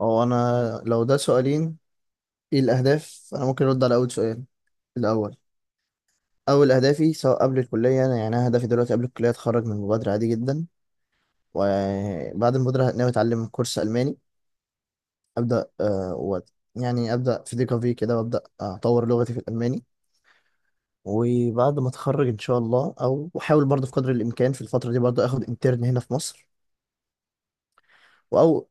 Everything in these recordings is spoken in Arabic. هو انا لو ده سؤالين. ايه الاهداف؟ انا ممكن ارد على اول سؤال. الاول. اول اهدافي سواء قبل الكليه يعني أنا هدفي دلوقتي قبل الكليه اتخرج من المبادره عادي جدا. وبعد المبادره ناوي اتعلم كورس الماني. ابدا يعني ابدا في ديكافي كده وابدا اطور لغتي في الالماني. وبعد ما اتخرج ان شاء الله، او احاول برضه في قدر الامكان في الفتره دي برضه اخد انترن هنا في مصر او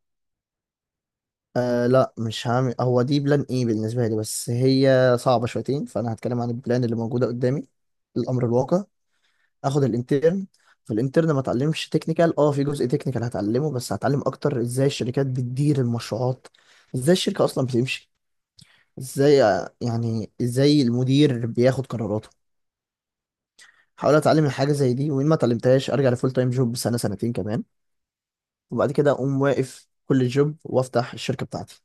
آه لا، مش هعمل. هو دي بلان ايه بالنسبة لي، بس هي صعبة شويتين، فانا هتكلم عن البلان اللي موجودة قدامي، الامر الواقع. اخد الانترن. فالانترن ما اتعلمش تكنيكال، في جزء تكنيكال هتعلمه، بس هتعلم اكتر ازاي الشركات بتدير المشروعات، ازاي الشركة اصلا بتمشي، ازاي آه، يعني ازاي المدير بياخد قراراته. هحاول اتعلم الحاجة زي دي، وان ما اتعلمتهاش ارجع لفول تايم جوب سنة سنتين كمان، وبعد كده اقوم واقف كل جوب وافتح الشركة بتاعتي.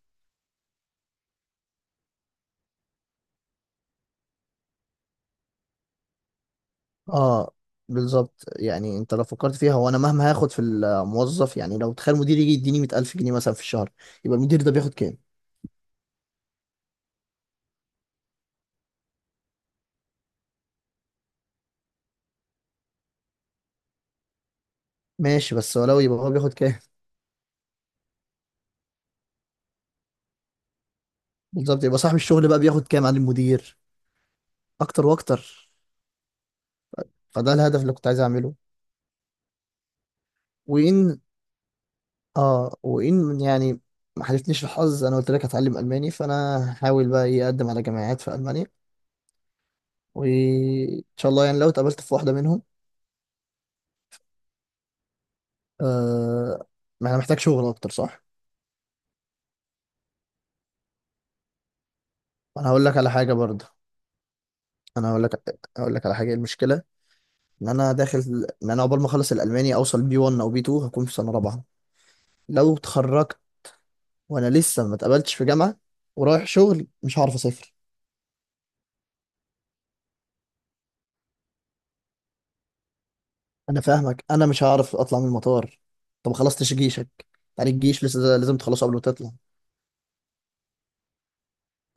اه بالظبط. يعني انت لو فكرت فيها، هو انا مهما هاخد في الموظف، يعني لو تخيل مدير يجي يديني 100000 جنيه مثلا في الشهر، يبقى المدير ده بياخد كام؟ ماشي، بس ولو، يبقى هو بياخد كام؟ بالظبط، يبقى صاحب الشغل بقى بياخد كام عن المدير؟ اكتر واكتر. فده الهدف اللي كنت عايز اعمله. وان اه وان يعني ما حالفنيش الحظ. انا قلت لك هتعلم الماني، فانا هحاول بقى ايه اقدم على جامعات في المانيا، وان شاء الله يعني لو اتقابلت في واحده منهم. آه. ما انا محتاج شغل اكتر، صح. انا هقول لك على حاجه برضه. انا اقول لك على حاجه. المشكله ان انا داخل ان انا عقبال ما اخلص الالماني اوصل B1 او B2 هكون في سنه رابعه. لو اتخرجت وانا لسه ما اتقبلتش في جامعه ورايح شغل، مش هعرف اسافر. انا فاهمك. انا مش هعرف اطلع من المطار. طب ما خلصتش جيشك؟ يعني الجيش لسه ده لازم تخلصه قبل ما تطلع.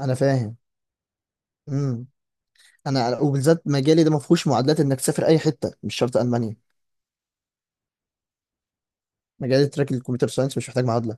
انا فاهم. امم انا وبالذات مجالي ده ما فيهوش معادلات انك تسافر اي حته، مش شرط المانيا. مجال تراك الكمبيوتر ساينس مش محتاج معادله.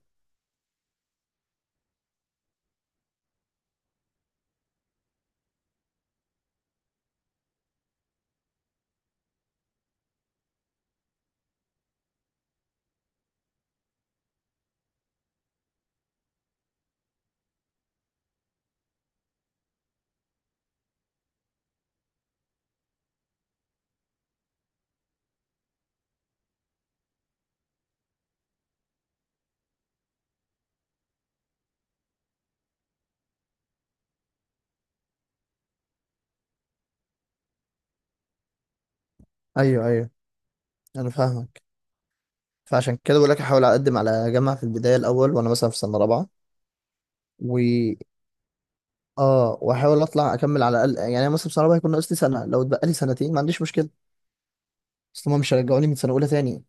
ايوه ايوه، انا فاهمك. فعشان كده بقول لك احاول اقدم على جامعه في البدايه الاول وانا مثلا في سنه رابعه، و اه واحاول اطلع اكمل على الاقل. يعني أنا مثلا في سنه رابعه هيكون ناقص لي سنه، لو اتبقى لي سنتين ما عنديش مشكله. اصل هم مش هيرجعوني من سنه اولى تاني.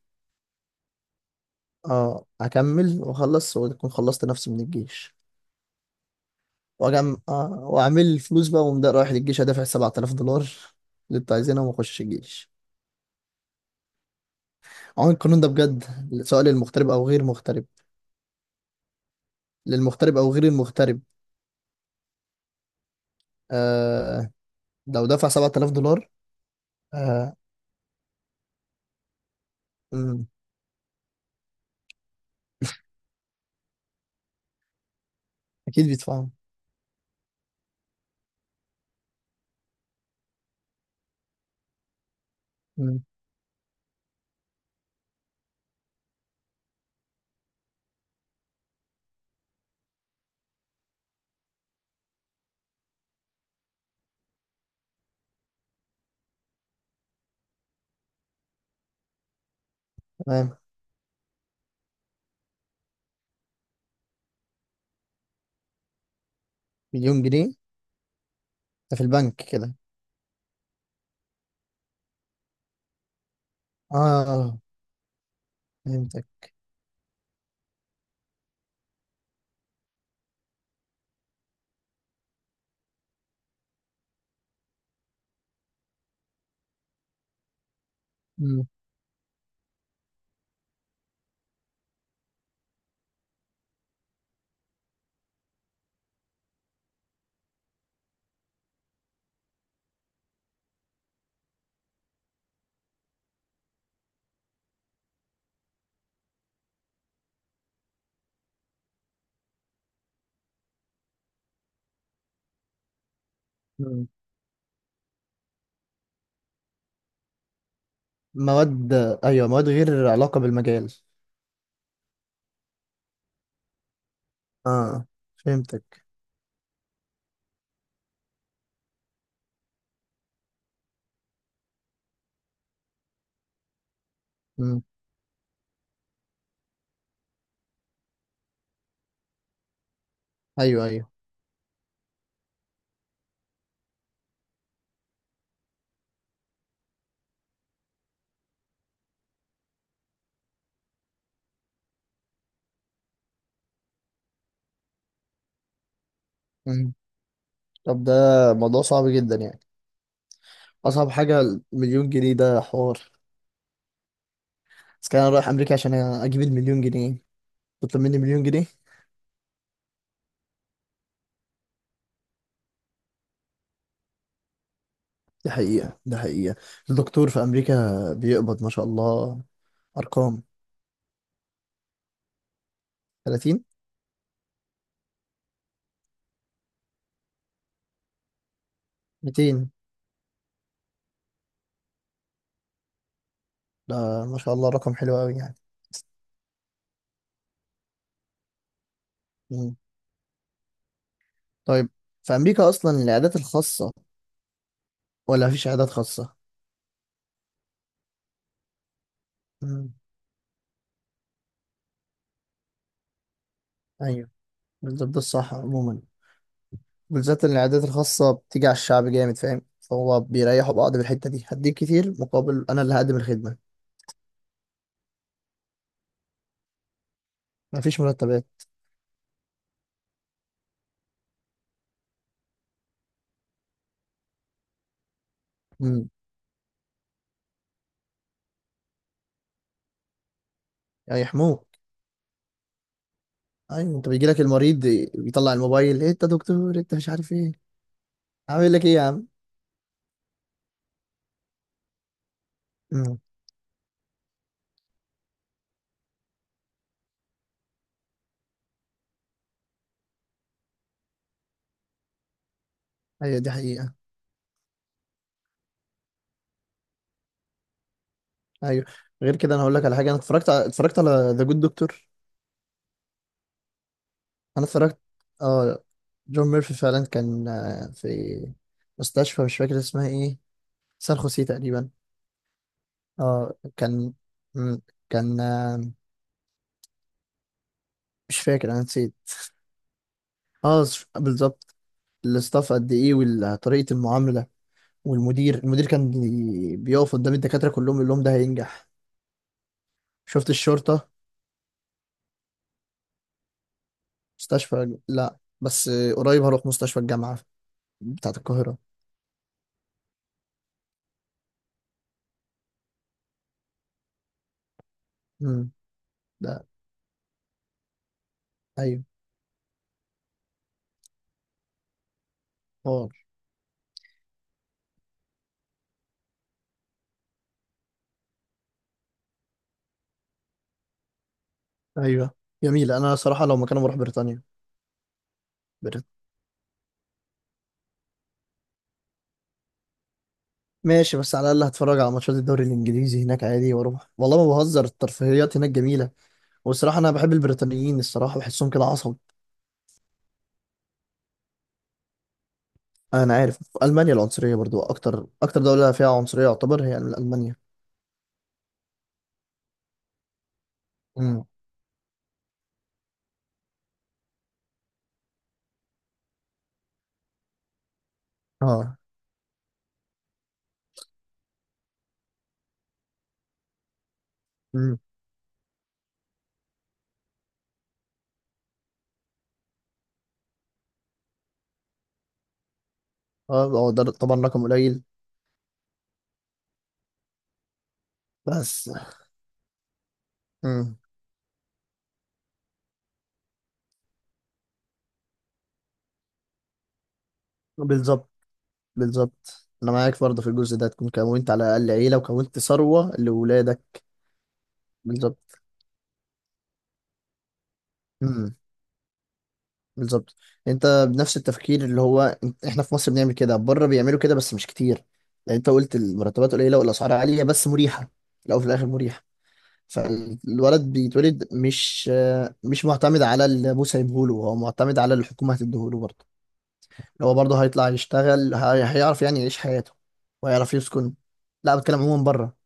اه، اكمل واخلص واكون خلصت نفسي من الجيش واجم آه واعمل فلوس بقى، وأقوم ده رايح للجيش هدافع 7000 دولار اللي انتوا عايزينها واخش الجيش. عموما القانون ده بجد، سواء للمغترب او غير مغترب. للمغترب او غير المغترب. آه. لو دفع 7000 دولار. آه. مم، اكيد بيدفعوا. مم. تمام. مليون جنيه؟ ده في البنك كده؟ اه، فهمتك. مم. مم. مواد. ايوه، مواد غير علاقة بالمجال. اه، فهمتك. مم. ايوه ايوه. مم. طب، ده موضوع صعب جدا يعني. اصعب حاجة المليون جنيه ده، حوار. بس كان انا رايح امريكا عشان اجيب المليون جنيه، تطلب مني مليون جنيه. دي حقيقة، دي حقيقة. الدكتور في امريكا بيقبض ما شاء الله ارقام. 30. 200. ده ما شاء الله رقم حلو قوي يعني. طيب، في أمريكا أصلا العيادات الخاصة ولا مفيش عيادات خاصة؟ مم. أيوه، بالظبط، ده الصح عموما. بالذات إن العيادات الخاصة بتيجي على الشعب جامد، فاهم؟ فهو بيريحوا بعض بالحتة دي، هديك كتير مقابل أنا اللي هقدم الخدمة. مفيش مرتبات. مم. هيحموك. أيوه. أنت بيجيلك المريض بيطلع الموبايل، إيه أنت دكتور، أنت مش عارف إيه عامل لك إيه يا عم. مم. أيوه دي حقيقة. أيوه. غير كده، أنا هقول لك على حاجة. أنا اتفرجت على ذا جود دكتور. انا اتفرجت. اه. جون ميرفي فعلا كان في مستشفى مش فاكر اسمها ايه. سان خوسيه تقريبا. اه كان. مم، كان مش فاكر، انا نسيت. اه، بالظبط. الاستاف قد ايه وطريقة المعاملة. والمدير، المدير كان بيقف قدام الدكاترة كلهم يقول لهم ده هينجح. شفت الشرطة. مستشفى؟ لا بس قريب هروح مستشفى الجامعة بتاعة القاهرة. امم. ده. ايوه. حوار. ايوه، جميل. انا صراحة لو مكانه بروح بريطانيا. ماشي، بس على الاقل هتفرج على ماتشات الدوري الانجليزي هناك عادي، واروح والله ما بهزر، الترفيهيات هناك جميله. والصراحه انا بحب البريطانيين، الصراحه بحسهم كده عصب. انا عارف في المانيا العنصريه برضو اكتر دوله فيها عنصريه يعتبر هي المانيا. امم. اه. امم. اه، هو ده طبعا رقم قليل. بس. امم. بالظبط. بالظبط انا معاك برضه في الجزء ده، تكون كونت على الاقل عيله وكونت ثروه لاولادك. بالظبط. بالظبط. انت بنفس التفكير، اللي هو انت- احنا في مصر بنعمل كده، بره بيعملوا كده بس مش كتير. لان انت قلت المرتبات قليله والاسعار عاليه، بس مريحه. في الاول وفي الاخر مريحه. فالولد بيتولد مش معتمد على اللي ابوه سايبهوله، هو معتمد على اللي الحكومه هتديهوله برضه. اللي هو برضه هيطلع يشتغل، هيعرف يعني يعيش حياته وهيعرف يسكن. لا، بتكلم عموما بره.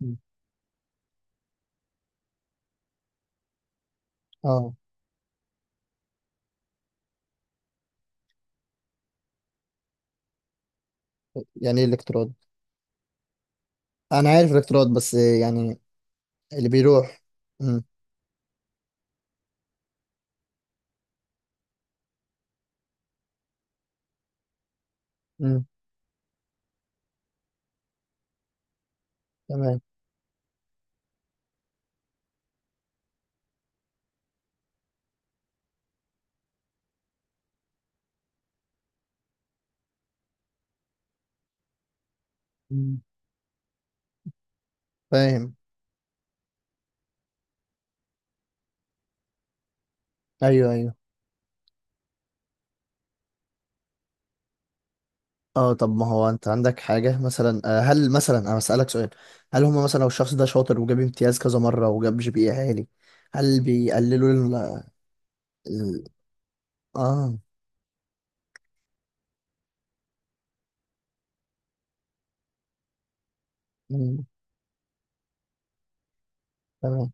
مم. اه. يعني ايه الاقتراض؟ انا عارف الاقتراض بس يعني. اللي بيروح. مم. مم. تمام. مم. فاهم. ايوه ايوه. اه، طب، ما هو انت عندك حاجه مثلا، هل مثلا انا اسالك سؤال. هل هم مثلا لو الشخص ده شاطر وجاب امتياز كذا مره وجاب GPA عالي، هل بيقللوا ال- اه. مم، تمام.